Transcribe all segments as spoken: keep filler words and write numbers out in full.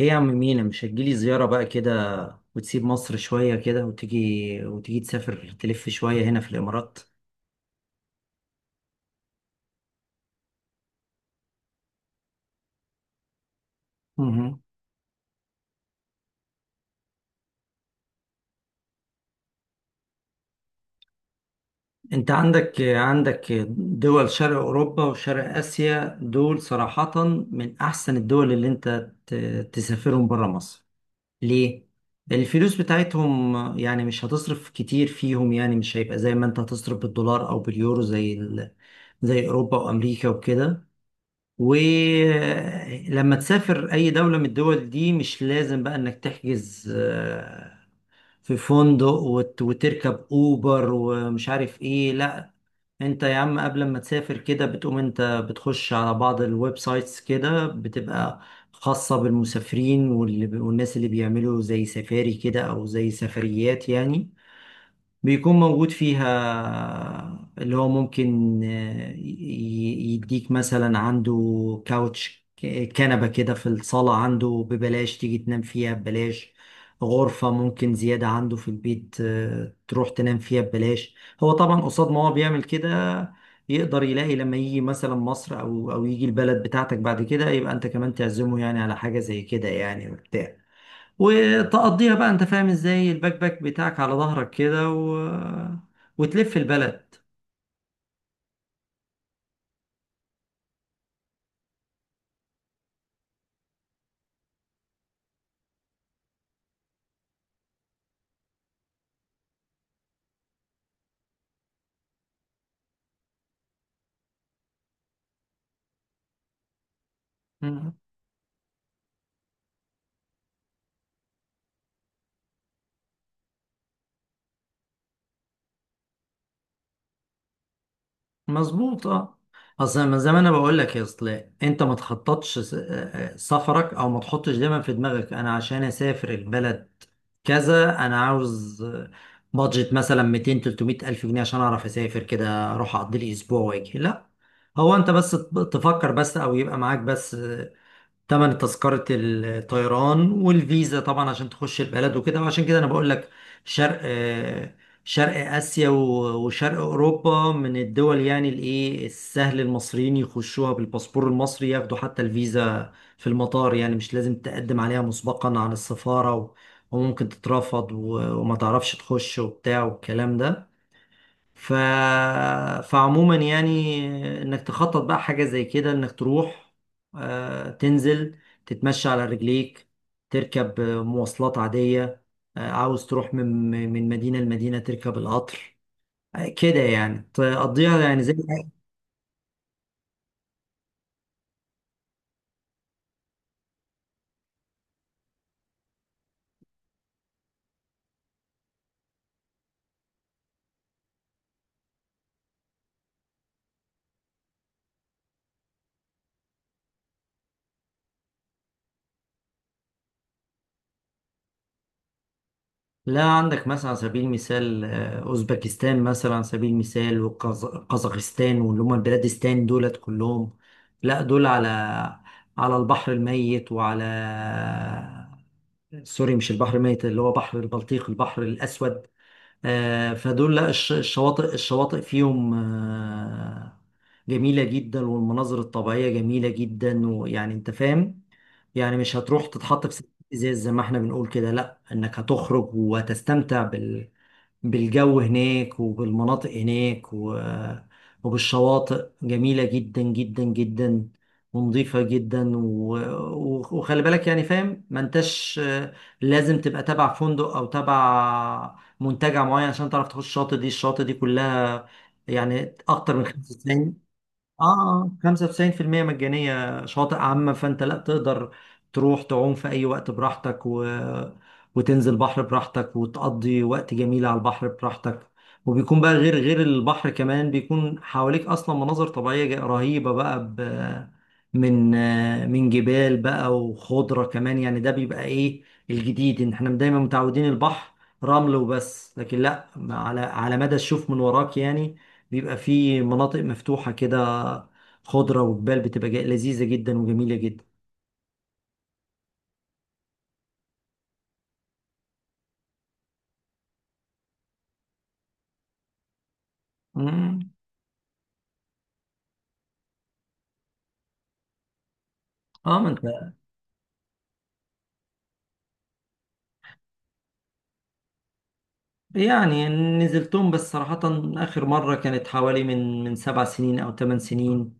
ايه يا عم مينا، مش هتجيلي زيارة بقى كده وتسيب مصر شوية كده وتيجي؟ وتيجي تسافر تلف شوية هنا في الإمارات. مهم. انت عندك عندك دول شرق أوروبا وشرق آسيا، دول صراحة من أحسن الدول اللي انت ت- تسافرهم برا مصر. ليه؟ الفلوس بتاعتهم يعني مش هتصرف كتير فيهم، يعني مش هيبقى زي ما انت هتصرف بالدولار أو باليورو، زي ال... زي أوروبا وأمريكا وكده. ولما تسافر اي دولة من الدول دي مش لازم بقى انك تحجز، آه، في فندق وت- وتركب اوبر ومش عارف ايه، لا. انت يا عم قبل ما تسافر كده بتقوم انت بتخش على بعض الويب سايتس كده، بتبقى خاصة بالمسافرين واللي والناس اللي بيعملوا زي سفاري كده او زي سفريات يعني. بيكون موجود فيها اللي هو ممكن آه، ي- يديك مثلا عنده كاوتش، ك- كنبة كده في الصالة عنده ببلاش، تيجي تنام فيها ببلاش. غرفة ممكن زيادة عنده في البيت، آه، تروح تنام فيها ببلاش. هو طبعا قصاد ما هو بيعمل كده يقدر يلاقي لما يجي مثلا مصر أو أو يجي البلد بتاعتك بعد كده، يبقى أنت كمان تعزمه يعني على حاجة زي كده، يعني وبتاع، وتقضيها بقى انت فاهم ازاي، الباك باك بتاعك على ظهرك كده و... وتلف البلد. مم. مظبوط، اه. اصل من زمان انا بقول لك، يا اصل انت ما تخططش س- آه، آه، سفرك، او ما تحطش دايما في دماغك انا عشان اسافر البلد كذا انا عاوز، آه، بادجت مثلا ميتين تلتمية الف جنيه عشان اعرف اسافر كده اروح اقضي لي اسبوع واجي، لا. هو انت بس تفكر، بس او يبقى معاك بس تمن تذكرة الطيران والفيزا طبعا عشان تخش البلد وكده. وعشان كده انا بقول لك شرق، آه، شرق آسيا و- وشرق أوروبا من الدول يعني الايه، السهل المصريين يخشوها بالباسبور المصري، ياخدوا حتى الفيزا في المطار، يعني مش لازم تقدم عليها مسبقا عن السفارة و- وممكن تترفض و- وما تعرفش تخش وبتاع والكلام ده. ف... فعموما يعني انك تخطط بقى حاجة زي كده، انك تروح، آه، تنزل تتمشى على رجليك، تركب، آه، مواصلات عادية. آه، عاوز تروح من من مدينة لمدينة تركب القطر، آه، كده يعني تقضيها يعني زي. لا عندك مثلا على سبيل المثال، آه، اوزبكستان مثلا على سبيل المثال وقزاقستان، واللي هم البلادستان دولت كلهم. لا دول على على البحر الميت وعلى، آه، سوري مش البحر الميت، اللي هو بحر البلطيق، البحر الاسود. آه، فدول لا الش- الشواطئ الشواطئ فيهم، آه، جميلة جدا، والمناظر الطبيعية جميلة جدا، ويعني انت فاهم يعني، مش هتروح تتحط في سكة ازاز زي ما احنا بنقول كده، لا، انك هتخرج وهتستمتع بالجو هناك وبالمناطق هناك و... وبالشواطئ جميلة جدا جدا جدا، ونظيفة جدا و... و- وخلي بالك يعني فاهم، ما انتش، آه، لازم تبقى تبع فندق او تبع منتجع معين عشان تعرف تخش الشاطئ دي، الشاطئ دي كلها يعني اكتر من خمسة وتسعين، اه، آه، خمسة وتسعين في المية مجانية، شواطئ عامة. فانت لا تقدر تروح تعوم في اي وقت براحتك و... وتنزل بحر براحتك وتقضي وقت جميل على البحر براحتك. وبيكون بقى، غير غير البحر كمان، بيكون حواليك اصلا مناظر طبيعية جا- رهيبة بقى، ب... من، آه، من جبال بقى وخضرة كمان. يعني ده بيبقى ايه الجديد، ان احنا دايما متعودين البحر رمل وبس، لكن لا، على على مدى الشوف من وراك يعني بيبقى فيه مناطق مفتوحة كده، خضرة وجبال، بتبقى جا- لذيذة جدا وجميلة جدا. مم. اه ما انت. يعني نزلتهم، بس صراحة آخر مرة كانت حوالي من من سبع سنين أو ثمان سنين،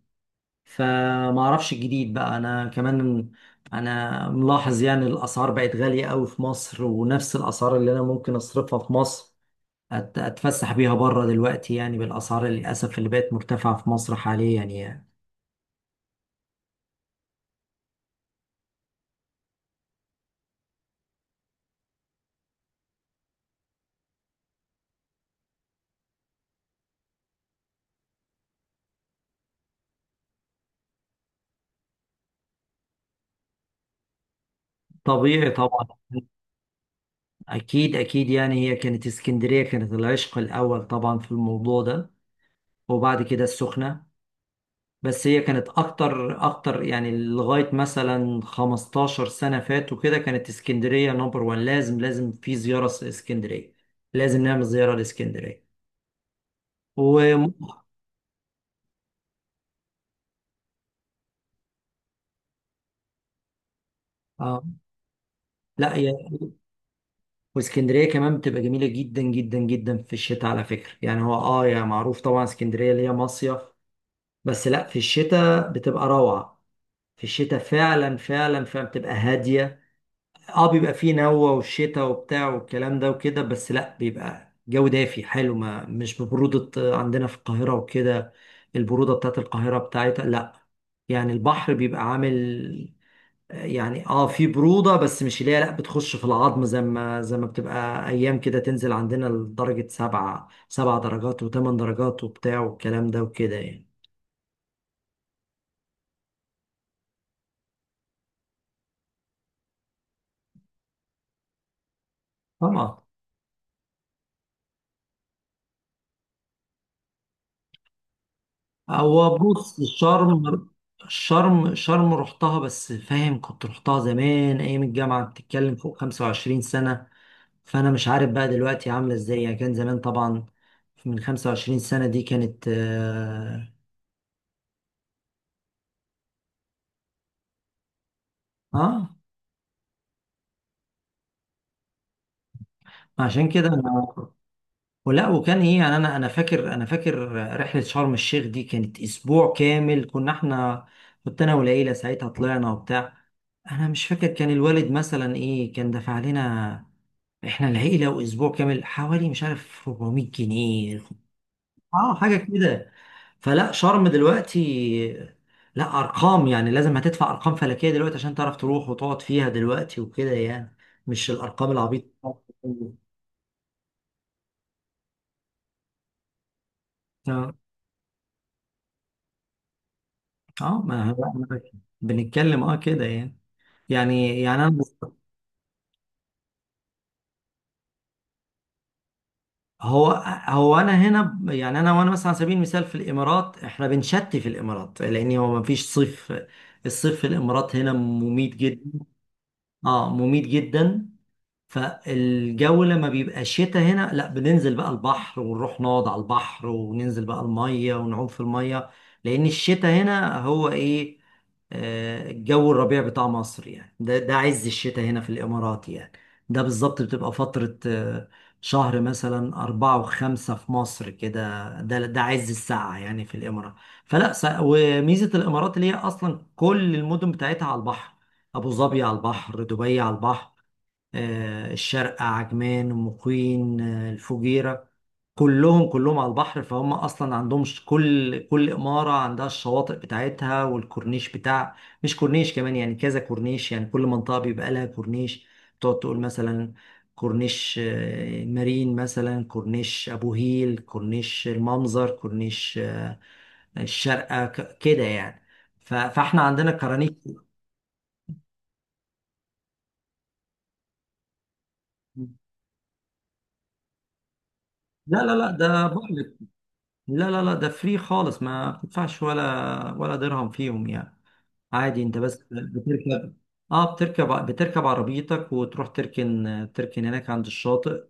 فما أعرفش الجديد بقى. أنا كمان أنا ملاحظ يعني الأسعار بقت غالية أوي في مصر، ونفس الأسعار اللي أنا ممكن أصرفها في مصر أت- أتفسح بيها بره دلوقتي يعني، بالأسعار للأسف اللي بقت مرتفعة في مصر حاليا يعني. طبيعي طبعا. أكيد أكيد. يعني هي كانت اسكندرية، كانت العشق الأول طبعا في الموضوع ده، وبعد كده السخنة. بس هي كانت أكتر أكتر يعني لغاية مثلا خمستاشر سنة فاتوا كده، كانت اسكندرية نمبر وان، لازم لازم في زيارة، س- اسكندرية لازم نعمل زيارة لاسكندرية. و، آه، لا هي، واسكندرية كمان بتبقى جميلة جدا جدا جدا في الشتاء على فكرة. يعني هو، آه، يعني معروف طبعا اسكندرية اللي هي مصيف، بس لا، في الشتاء بتبقى روعة. في الشتاء فعلا فعلا فعلا بتبقى هادية. اه بيبقى فيه نوة والشتاء وبتاع والكلام ده وكده، بس لا بيبقى جو دافي حلو، ما مش ببرودة عندنا في القاهرة وكده. البرودة بتاعت القاهرة بتاعتها لا يعني. البحر بيبقى عامل يعني اه، في برودة، بس مش اللي هي، لا، بتخش في العظم زي ما زي ما بتبقى ايام كده تنزل عندنا لدرجة سبعة، سبع درجات وثمان درجات وبتاع والكلام ده وكده يعني. طبعا. هو بص الشرم، الشرم شرم رحتها، بس فاهم كنت رحتها زمان ايام الجامعه، بتتكلم فوق خمسة وعشرين سنه. فانا مش عارف بقى دلوقتي عامله ازاي، يعني كان زمان طبعا من خمسة وعشرين سنه دي، كانت اه، آه، عشان كده انا، ولا وكان ايه يعني. انا انا فاكر، انا فاكر رحله شرم الشيخ دي كانت اسبوع كامل، كنا احنا كنت انا والعيله ساعتها طلعنا وبتاع. انا مش فاكر كان الوالد مثلا ايه كان دفع لنا، احنا العيله واسبوع كامل، حوالي مش عارف اربعمية جنيه، اه حاجه كده. فلا شرم دلوقتي لا، ارقام يعني لازم هتدفع ارقام فلكيه دلوقتي عشان تعرف تروح وتقعد فيها دلوقتي وكده يعني، مش الارقام العبيطه. اه ما هو أنا بنتكلم اه كده يعني. يعني يعني انا، هو هو انا هنا، ب- يعني انا، وانا مثلا على سبيل المثال في الامارات، احنا بنشتي في الامارات لان هو ما فيش صيف. الصيف في الامارات هنا مميت جدا. اه مميت جدا. فالجو لما بيبقى شتاء هنا، لا، بننزل بقى البحر ونروح نقعد على البحر وننزل بقى المية ونعوم في المية، لأن الشتاء هنا هو إيه، آه، الجو الربيع بتاع مصر، يعني ده ده عز الشتاء هنا في الإمارات يعني. ده بالظبط بتبقى فترة، آه، شهر مثلا أربعة وخمسة في مصر كده، ده ده عز الساعة يعني في الإمارات. فلا س- وميزة الإمارات اللي هي أصلا كل المدن بتاعتها على البحر. أبو ظبي على البحر، دبي على البحر، آه، الشارقة، عجمان، مقيم، آه، الفجيرة، كلهم كلهم على البحر. فهم اصلا عندهم، ش- كل كل اماره عندها الشواطئ بتاعتها والكورنيش بتاع، مش كورنيش كمان يعني، كذا كورنيش يعني، كل منطقه بيبقى لها كورنيش. تقعد تقول مثلا كورنيش، آه، مارين مثلا، كورنيش ابو هيل، كورنيش المنظر، كورنيش، آه، الشارقه، ك- كده يعني. ف- فاحنا عندنا كرانيش. لا لا لا، ده بحر، لا لا لا، ده فري خالص، ما بتدفعش ولا ولا درهم فيهم يعني. عادي، انت بس بتركب، اه، بتركب بتركب عربيتك وتروح تركن، تركن هناك عند الشاطئ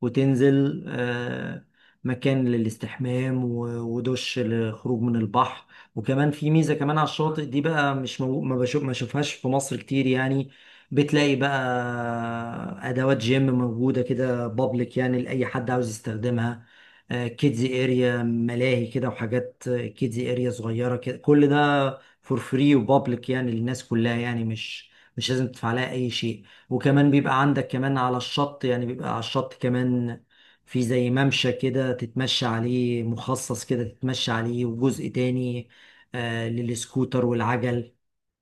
وتنزل، آه، مكان للاستحمام و- ودش للخروج من البحر. وكمان في ميزة كمان على الشاطئ دي بقى، مش مو... ما بشوف، ما بشوفهاش في مصر كتير يعني. بتلاقي بقى أدوات جيم موجودة كده، بابليك يعني لأي حد عاوز يستخدمها، كيدزي اريا، ملاهي كده وحاجات كيدزي اريا صغيرة كده، كل ده فور فري وبابليك يعني للناس كلها يعني، مش مش لازم تدفع لها أي شيء. وكمان بيبقى عندك كمان على الشط، يعني بيبقى على الشط كمان في زي ممشى كده تتمشى عليه، مخصص كده تتمشى عليه، وجزء تاني، آه، للسكوتر والعجل.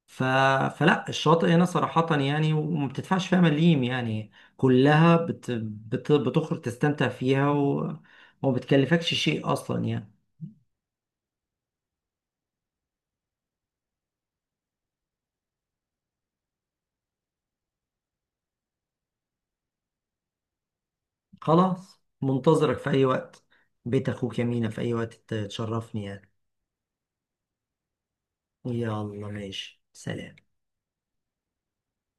ف... فلا الشاطئ هنا صراحة يعني، وما بتدفعش فيها مليم يعني، كلها بت... بت... بتخرج تستمتع فيها و... وما بتكلفكش شيء أصلا يعني. خلاص، منتظرك في أي وقت، بيت أخوك يمينة، في أي وقت تشرفني يعني. يلا ماشي، سلام.